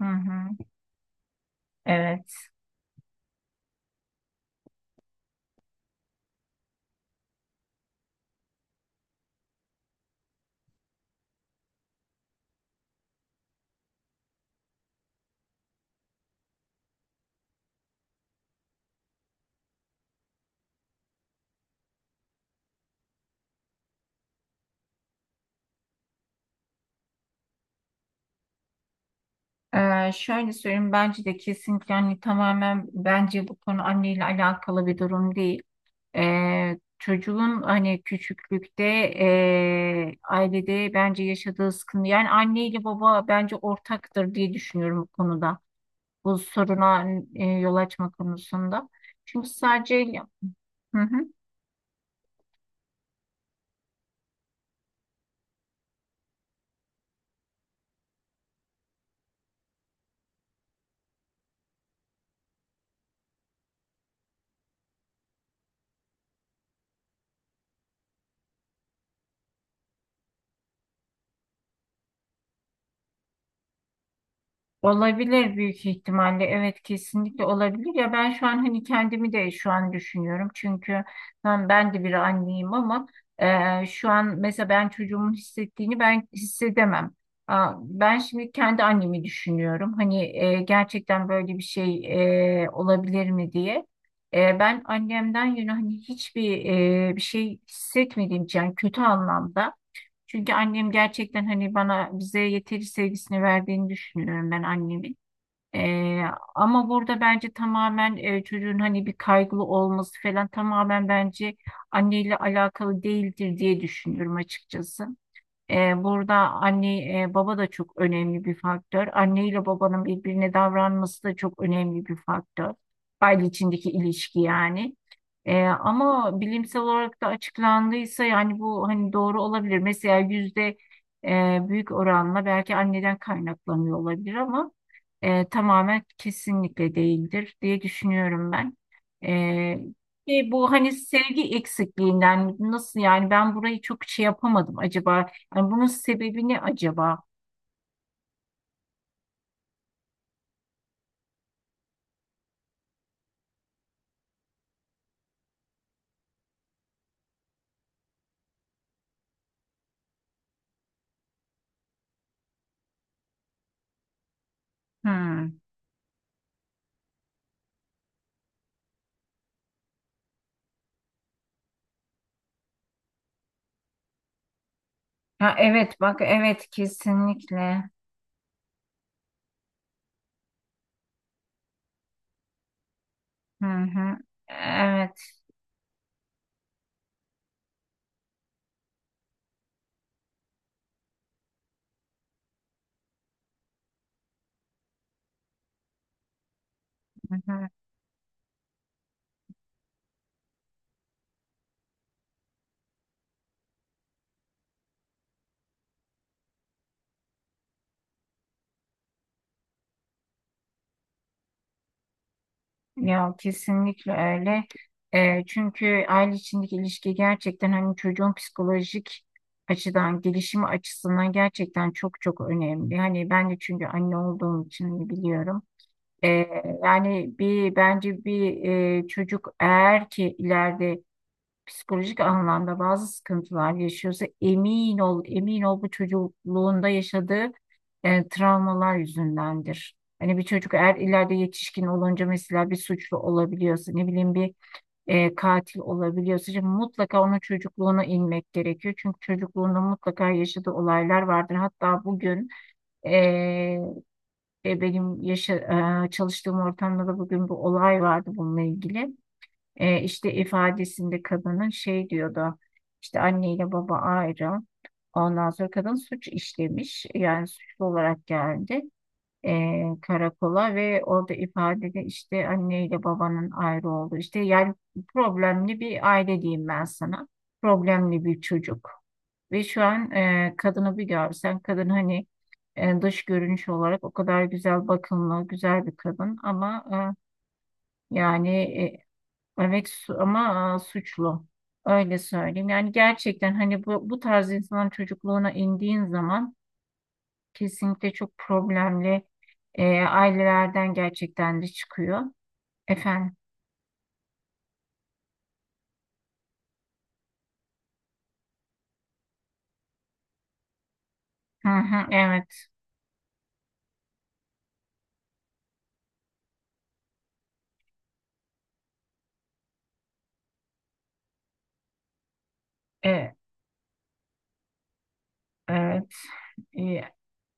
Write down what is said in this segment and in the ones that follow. Hı hı, evet. Şöyle söyleyeyim, bence de kesinlikle hani tamamen bence bu konu anneyle alakalı bir durum değil. Çocuğun hani küçüklükte ailede bence yaşadığı sıkıntı, yani anne ile baba bence ortaktır diye düşünüyorum bu konuda. Bu soruna yol açma konusunda. Çünkü sadece hı hı. Olabilir büyük ihtimalle. Evet, kesinlikle olabilir. Ya ben şu an hani kendimi de şu an düşünüyorum. Çünkü ben de bir anneyim ama şu an mesela ben çocuğumun hissettiğini ben hissedemem. Aa, ben şimdi kendi annemi düşünüyorum. Hani gerçekten böyle bir şey olabilir mi diye. Ben annemden yana hani hiçbir bir şey hissetmediğim için, yani kötü anlamda. Çünkü annem gerçekten hani bana bize yeteri sevgisini verdiğini düşünüyorum ben annemin. Ee, ama burada bence tamamen çocuğun hani bir kaygılı olması falan tamamen bence anneyle alakalı değildir diye düşünüyorum açıkçası. E, burada anne baba da çok önemli bir faktör. Anne ile babanın birbirine davranması da çok önemli bir faktör. Aile içindeki ilişki yani. Ama bilimsel olarak da açıklandıysa yani bu hani doğru olabilir. Mesela yüzde büyük oranla belki anneden kaynaklanıyor olabilir ama tamamen kesinlikle değildir diye düşünüyorum ben. E, bu hani sevgi eksikliğinden nasıl, yani ben burayı çok şey yapamadım acaba, yani bunun sebebi ne acaba? Hmm. Ha, evet, bak evet kesinlikle. Hı hı. Evet. Hı hı. Ya kesinlikle öyle. Çünkü aile içindeki ilişki gerçekten hani çocuğun psikolojik açıdan, gelişimi açısından gerçekten çok çok önemli. Hani ben de çünkü anne olduğum için hani, biliyorum. Yani bir bence bir çocuk, eğer ki ileride psikolojik anlamda bazı sıkıntılar yaşıyorsa, emin ol, emin ol, bu çocukluğunda yaşadığı travmalar yüzündendir. Hani bir çocuk eğer ileride yetişkin olunca mesela bir suçlu olabiliyorsa, ne bileyim bir katil olabiliyorsa, şimdi mutlaka onun çocukluğuna inmek gerekiyor. Çünkü çocukluğunda mutlaka yaşadığı olaylar vardır. Hatta bugün e, benim çalıştığım ortamda da bugün bir olay vardı bununla ilgili. E, işte ifadesinde kadının şey diyordu. İşte anneyle baba ayrı. Ondan sonra kadın suç işlemiş. Yani suçlu olarak geldi karakola, ve orada ifadede işte anneyle babanın ayrı olduğu. İşte yani problemli bir aile diyeyim ben sana. Problemli bir çocuk. Ve şu an kadını bir görsen, kadın hani dış görünüş olarak o kadar güzel, bakımlı, güzel bir kadın ama yani e, evet, ama suçlu. Öyle söyleyeyim. Yani gerçekten hani bu tarz insanların çocukluğuna indiğin zaman kesinlikle çok problemli ailelerden gerçekten de çıkıyor. Efendim. Hı hı, evet. E, evet. E,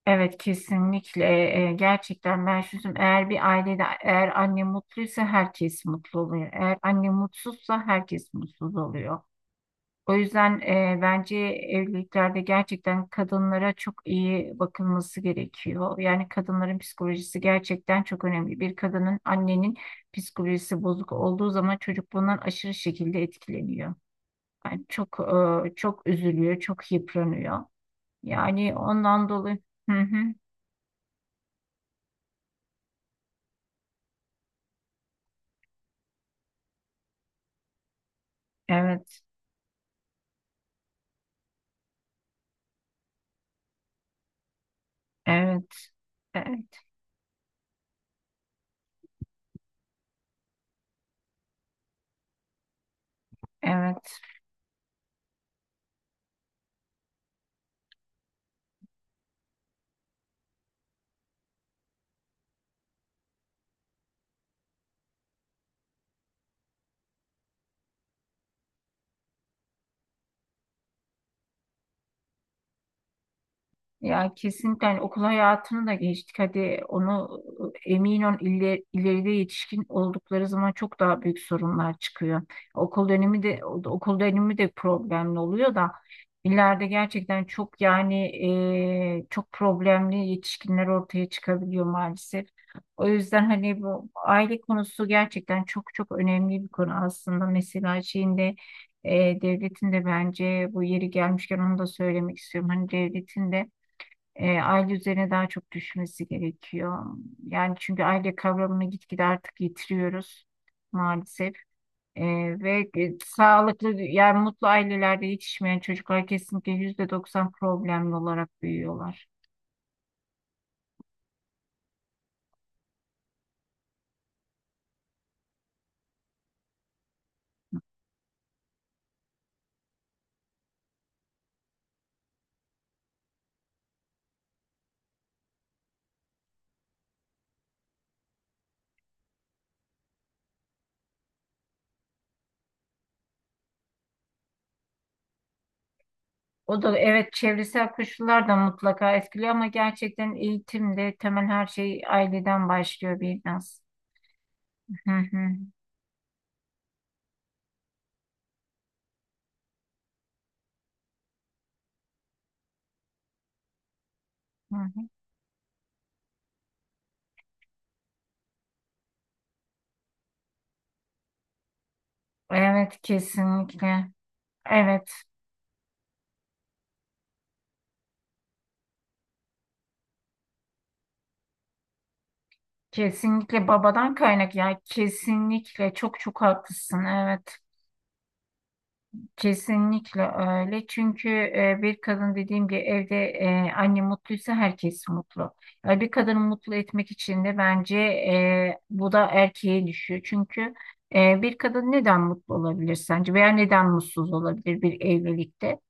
evet kesinlikle. Gerçekten ben şunu, eğer bir ailede, eğer anne mutluysa herkes mutlu oluyor. Eğer anne mutsuzsa herkes mutsuz oluyor. O yüzden bence evliliklerde gerçekten kadınlara çok iyi bakılması gerekiyor. Yani kadınların psikolojisi gerçekten çok önemli. Bir kadının, annenin psikolojisi bozuk olduğu zaman çocuk bundan aşırı şekilde etkileniyor. Yani çok çok üzülüyor, çok yıpranıyor. Yani ondan dolayı. Hı hı. Evet, evet, evet, evet. Ya kesinlikle hani okul hayatını da geçtik. Hadi onu, emin ol ileride yetişkin oldukları zaman çok daha büyük sorunlar çıkıyor. Okul dönemi de okul dönemi de problemli oluyor da ileride gerçekten çok, yani çok problemli yetişkinler ortaya çıkabiliyor maalesef. O yüzden hani bu aile konusu gerçekten çok çok önemli bir konu aslında. Mesela şeyinde devletin de bence, bu yeri gelmişken onu da söylemek istiyorum, hani devletin de aile üzerine daha çok düşmesi gerekiyor. Yani çünkü aile kavramını gitgide artık yitiriyoruz maalesef. E, ve sağlıklı, yani mutlu ailelerde yetişmeyen çocuklar kesinlikle %90 problemli olarak büyüyorlar. O da evet, çevresel koşullar da mutlaka etkiliyor ama gerçekten eğitimde temel her şey aileden başlıyor biraz. Hı hı, hı hı. Evet kesinlikle. Evet. Kesinlikle babadan kaynak ya, kesinlikle çok çok haklısın, evet, kesinlikle öyle çünkü bir kadın, dediğim gibi, evde anne mutluysa herkes mutlu. Yani bir kadını mutlu etmek için de bence bu da erkeğe düşüyor çünkü bir kadın neden mutlu olabilir sence veya neden mutsuz olabilir bir evlilikte?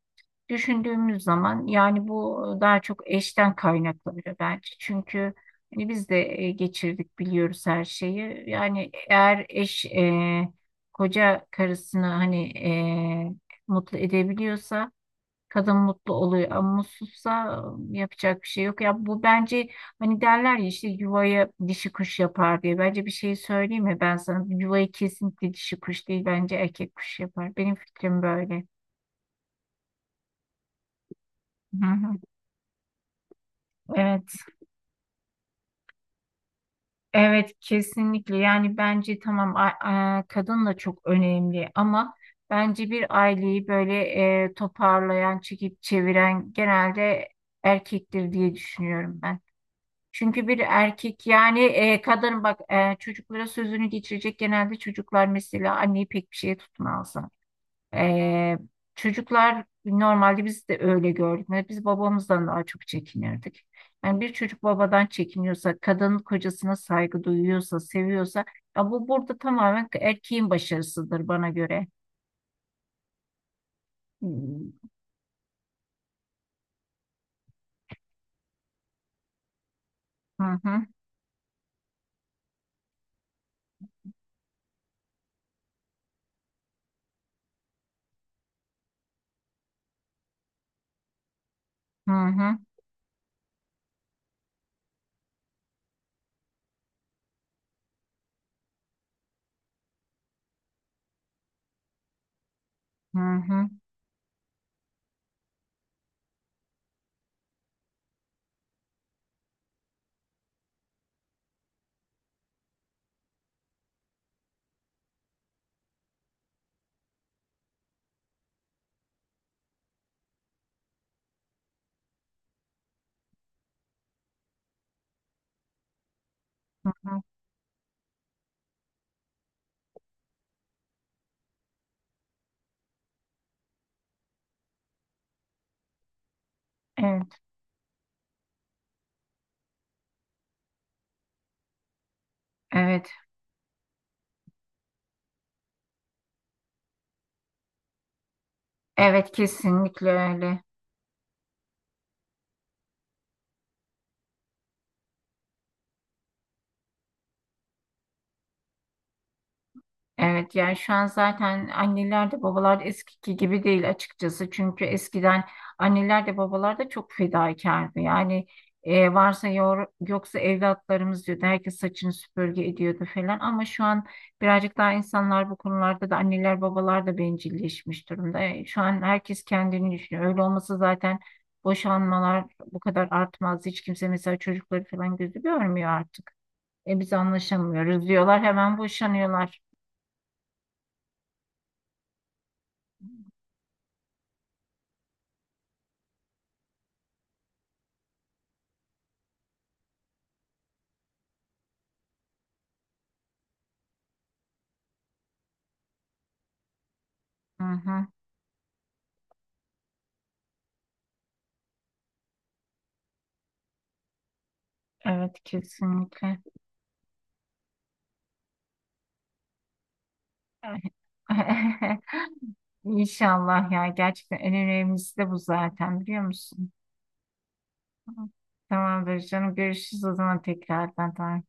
Düşündüğümüz zaman yani bu daha çok eşten kaynaklanıyor bence. Çünkü hani biz de geçirdik, biliyoruz her şeyi. Yani eğer eş koca karısını hani e, mutlu edebiliyorsa kadın mutlu oluyor ama mutsuzsa yapacak bir şey yok. Ya bu bence, hani derler ya, işte yuvaya dişi kuş yapar diye. Bence bir şey söyleyeyim mi ben sana? Yuvayı kesinlikle dişi kuş değil, bence erkek kuş yapar. Benim fikrim böyle. Hı hı. Evet. Evet kesinlikle yani bence tamam, kadın da çok önemli ama bence bir aileyi böyle toparlayan, çekip çeviren genelde erkektir diye düşünüyorum ben. Çünkü bir erkek, yani kadın bak çocuklara sözünü geçirecek, genelde çocuklar mesela anneyi pek bir şeye tutmaz. Ee, çocuklar normalde, biz de öyle gördük. Yani biz babamızdan daha çok çekinirdik. Yani bir çocuk babadan çekiniyorsa, kadının kocasına saygı duyuyorsa, seviyorsa, ya bu burada tamamen erkeğin başarısıdır bana göre. Hı hı, hı hı, hı hı, hı hı. Evet, evet, evet kesinlikle öyle. Evet yani şu an zaten anneler de babalar da eskiki gibi değil açıkçası. Çünkü eskiden anneler de babalar da çok fedakardı. Yani varsa yoksa evlatlarımız diyordu. Herkes saçını süpürge ediyordu falan. Ama şu an birazcık daha insanlar bu konularda da anneler babalar da bencilleşmiş durumda. Şu an herkes kendini düşünüyor. Öyle olmasa zaten boşanmalar bu kadar artmaz. Hiç kimse mesela çocukları falan gözü görmüyor artık. Biz anlaşamıyoruz diyorlar, hemen boşanıyorlar. Hı hı. Evet kesinlikle. İnşallah ya, gerçekten en önemlisi de bu zaten biliyor musun? Tamamdır canım, görüşürüz o zaman tekrardan. Tamam.